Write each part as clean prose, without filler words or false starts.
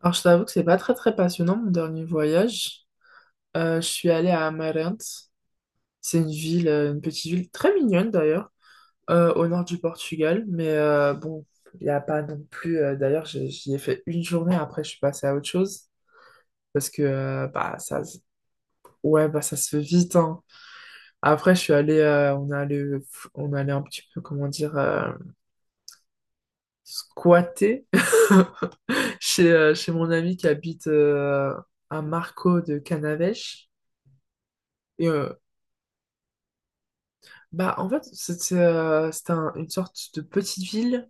Alors, je t'avoue que c'est pas très très passionnant mon dernier voyage. Je suis allée à Amarante. C'est une ville, une petite ville très mignonne d'ailleurs, au nord du Portugal. Mais bon, il n'y a pas non plus. D'ailleurs, j'y ai fait une journée. Après, je suis passée à autre chose parce que bah ouais bah ça se fait vite, hein. Après, je suis allée, on est allé un petit peu comment dire, squatter chez chez mon ami qui habite à Marco de Canavêche. Et euh, Bah, en fait, c'est une sorte de petite ville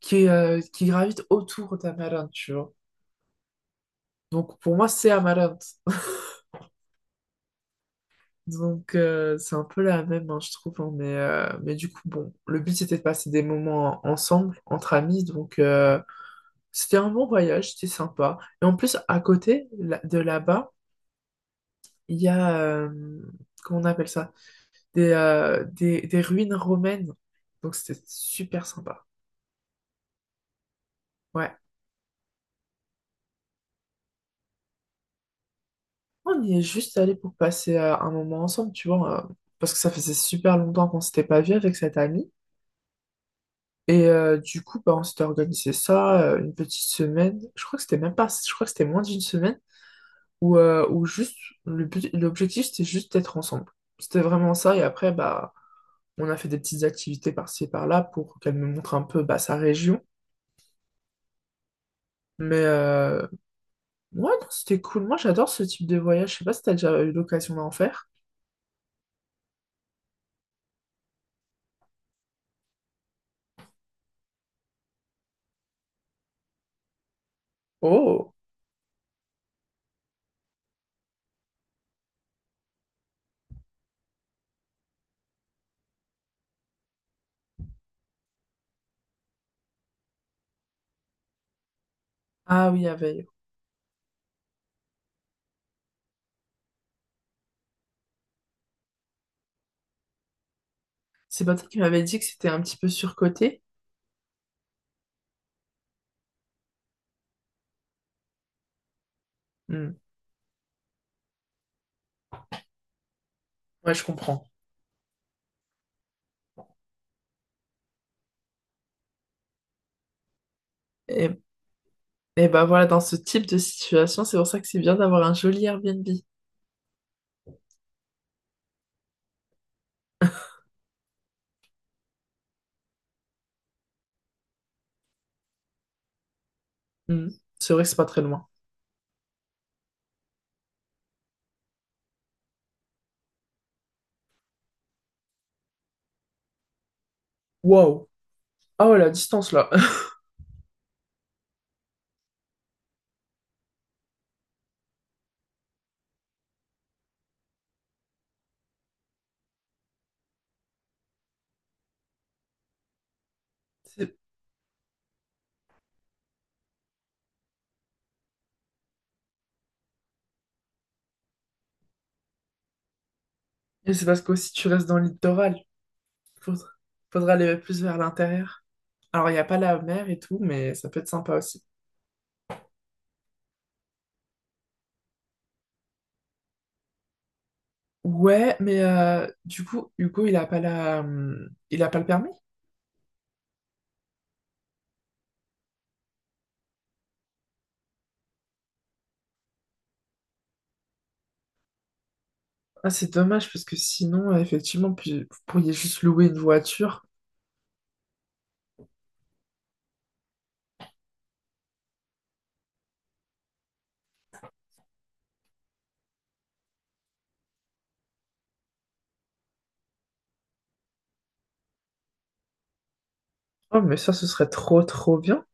qui est, qui gravite autour d'Amarante, tu vois. Donc, pour moi, c'est Amarante. Donc, c'est un peu la même, hein, je trouve. Hein, mais du coup, bon, le but, c'était de passer des moments ensemble, entre amis. Donc, c'était un bon voyage, c'était sympa. Et en plus, à côté de là-bas, il y a, comment on appelle ça? Des, des ruines romaines. Donc, c'était super sympa. Ouais. On y est juste allé pour passer un moment ensemble, tu vois, parce que ça faisait super longtemps qu'on s'était pas vu avec cette amie. Du coup, bah, on s'était organisé ça, une petite semaine. Je crois que c'était même pas, je crois que c'était moins d'une semaine, où, où juste, le but, l'objectif, c'était juste d'être ensemble. C'était vraiment ça. Et après, bah, on a fait des petites activités par-ci, et par-là pour qu'elle me montre un peu bah, sa région. Ouais, non, c'était cool. Moi, j'adore ce type de voyage. Je sais pas si t'as déjà eu l'occasion d'en faire. Oh! Ah oui, avec. C'est Patrick qui m'avait dit que c'était un petit peu surcoté. Hmm. Ouais, je comprends. Et, et bah voilà, dans ce type de situation, c'est pour ça que c'est bien d'avoir un joli Airbnb. Hmm. C'est vrai que c'est pas très loin. Waouh. Ah ouais, la distance là. C'est- Et c'est parce que qu'aussi tu restes dans le littoral. Faudra, faudra aller plus vers l'intérieur. Alors, il n'y a pas la mer et tout, mais ça peut être sympa aussi. Ouais, mais du coup, Hugo, il a pas la, il a pas le permis? Ah, c'est dommage parce que sinon, effectivement, puis- vous pourriez juste louer une voiture. Oh, mais ça, ce serait trop, trop bien.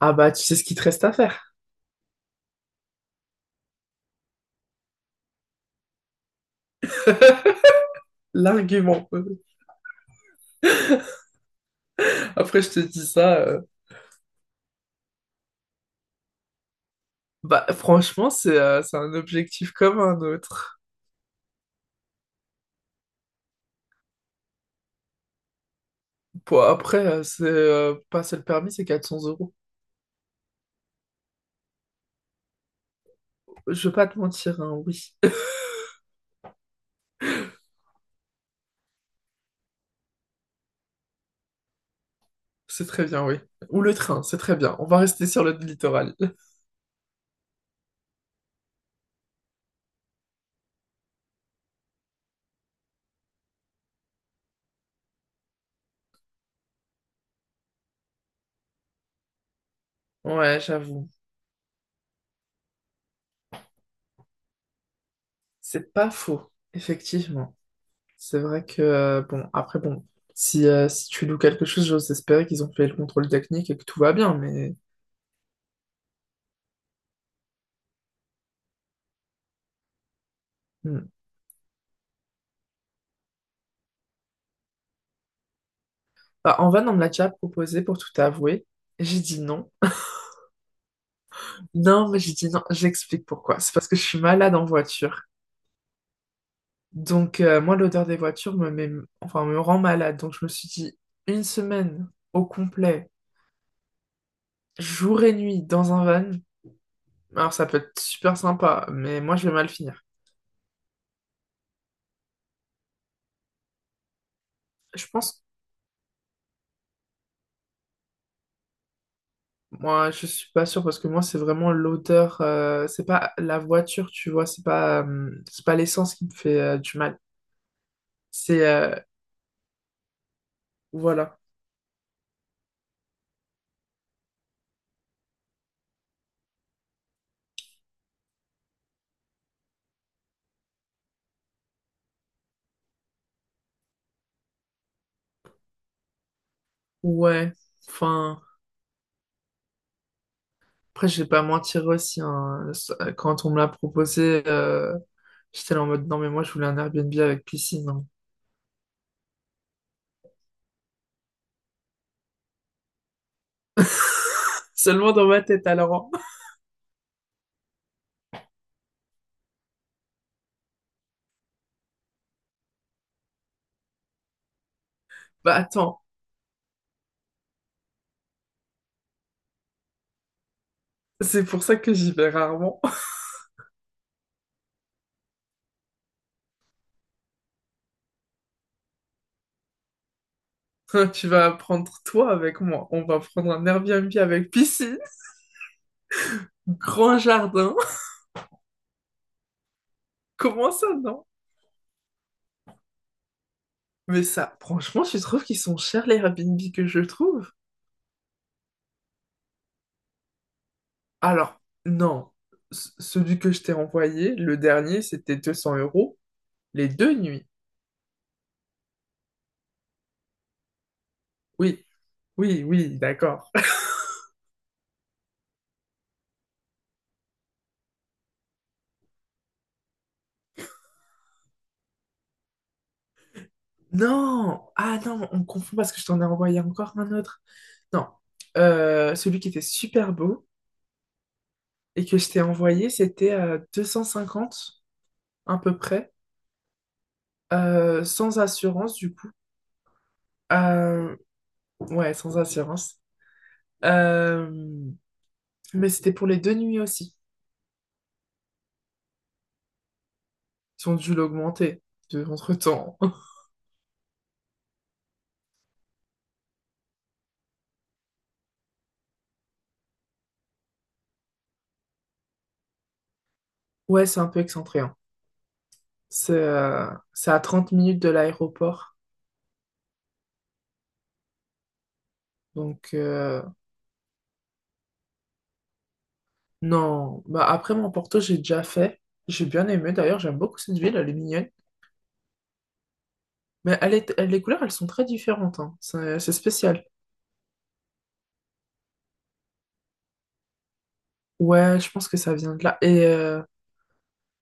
Ah bah, tu sais ce qu'il te reste à faire. L'argument. Après, je te dis ça. Bah, franchement, c'est un objectif comme un autre. Bon, après, c'est passer le permis, c'est 400 euros. Je vais pas te mentir, hein, oui. C'est très bien, oui. Ou le train, c'est très bien. On va rester sur le littoral. Ouais, j'avoue. C'est pas faux, effectivement. C'est vrai que, bon, après, bon, si tu loues quelque chose, j'ose espérer qu'ils ont fait le contrôle technique et que tout va bien, mais… Hmm. Bah, en van, on me l'a déjà proposé pour tout avouer. J'ai dit non. Non, mais j'ai dit non. J'explique pourquoi. C'est parce que je suis malade en voiture. Donc, moi, l'odeur des voitures me met, enfin, me rend malade. Donc, je me suis dit une semaine au complet, jour et nuit, dans un van. Alors, ça peut être super sympa, mais moi, je vais mal finir. Je pense, moi, je suis pas sûre parce que moi, c'est vraiment l'odeur. C'est pas la voiture, tu vois. C'est pas l'essence qui me fait du mal. C'est, euh, voilà. Ouais. Enfin. Après, je vais pas mentir aussi, hein. Quand on me l'a proposé, j'étais là en mode non, mais moi je voulais un Airbnb avec piscine, hein. Seulement dans ma tête alors, hein. Bah attends, c'est pour ça que j'y vais rarement. Tu vas prendre toi avec moi. On va prendre un Airbnb avec piscine, grand jardin. Comment ça, non? Mais ça, franchement, tu trouves qu'ils sont chers les Airbnb que je trouve? Alors, non. C- Celui que je t'ai envoyé, le dernier, c'était 200 euros les deux nuits. Oui, oui, d'accord. Non! Ah non, on confond parce que je t'en ai envoyé encore un autre. Non. Celui qui était super beau et que je t'ai envoyé, c'était à 250, à peu près, sans assurance du coup. Euh, ouais, sans assurance. Euh, mais c'était pour les deux nuits aussi. Ils ont dû l'augmenter de, entre-temps. Ouais, c'est un peu excentré, hein. C'est à 30 minutes de l'aéroport. Donc, euh, Non, bah après mon Porto, j'ai déjà fait. J'ai bien aimé d'ailleurs, j'aime beaucoup cette ville, elle est mignonne. Mais elle est, elle- les couleurs, elles sont très différentes, hein. C'est spécial. Ouais, je pense que ça vient de là.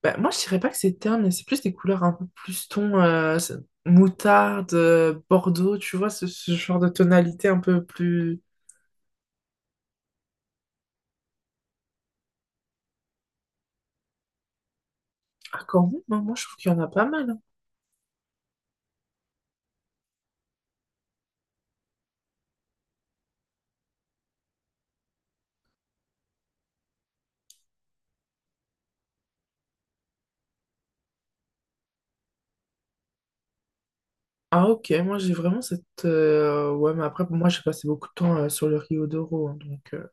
Bah, moi, je dirais pas que c'est terne, mais c'est plus des couleurs un peu plus ton c'est- moutarde, bordeaux, tu vois, ce genre de tonalité un peu plus. Ah, quand même, hein, moi, je trouve qu'il y en a pas mal, hein. Ah, ok, moi, j'ai vraiment cette. Ouais, mais après, moi, j'ai passé beaucoup de temps sur le Rio d'Oro, hein, donc.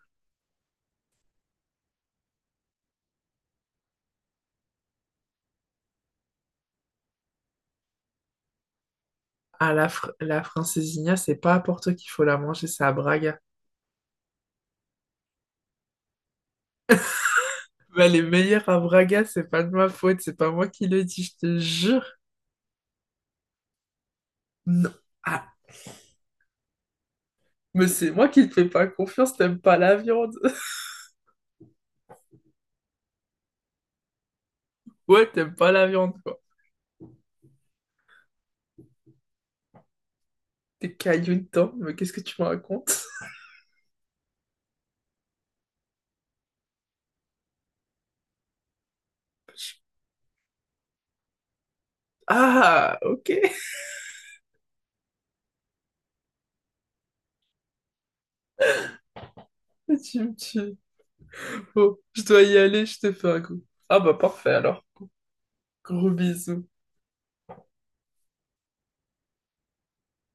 Ah, la, fr- la francesinha, c'est pas à Porto qu'il faut la manger, c'est à Braga. Bah, les meilleurs à Braga, c'est pas de ma faute, c'est pas moi qui le dis, je te jure. Non. Ah, mais c'est moi qui te fais pas confiance, t'aimes pas la viande. Ouais, t'aimes pas la viande, quoi. T'es caillou dedans, mais qu'est-ce que tu me racontes? Ah, ok. Tu me tues. Bon, je dois y aller, je te fais un coup. Ah bah parfait alors. Gros bisous.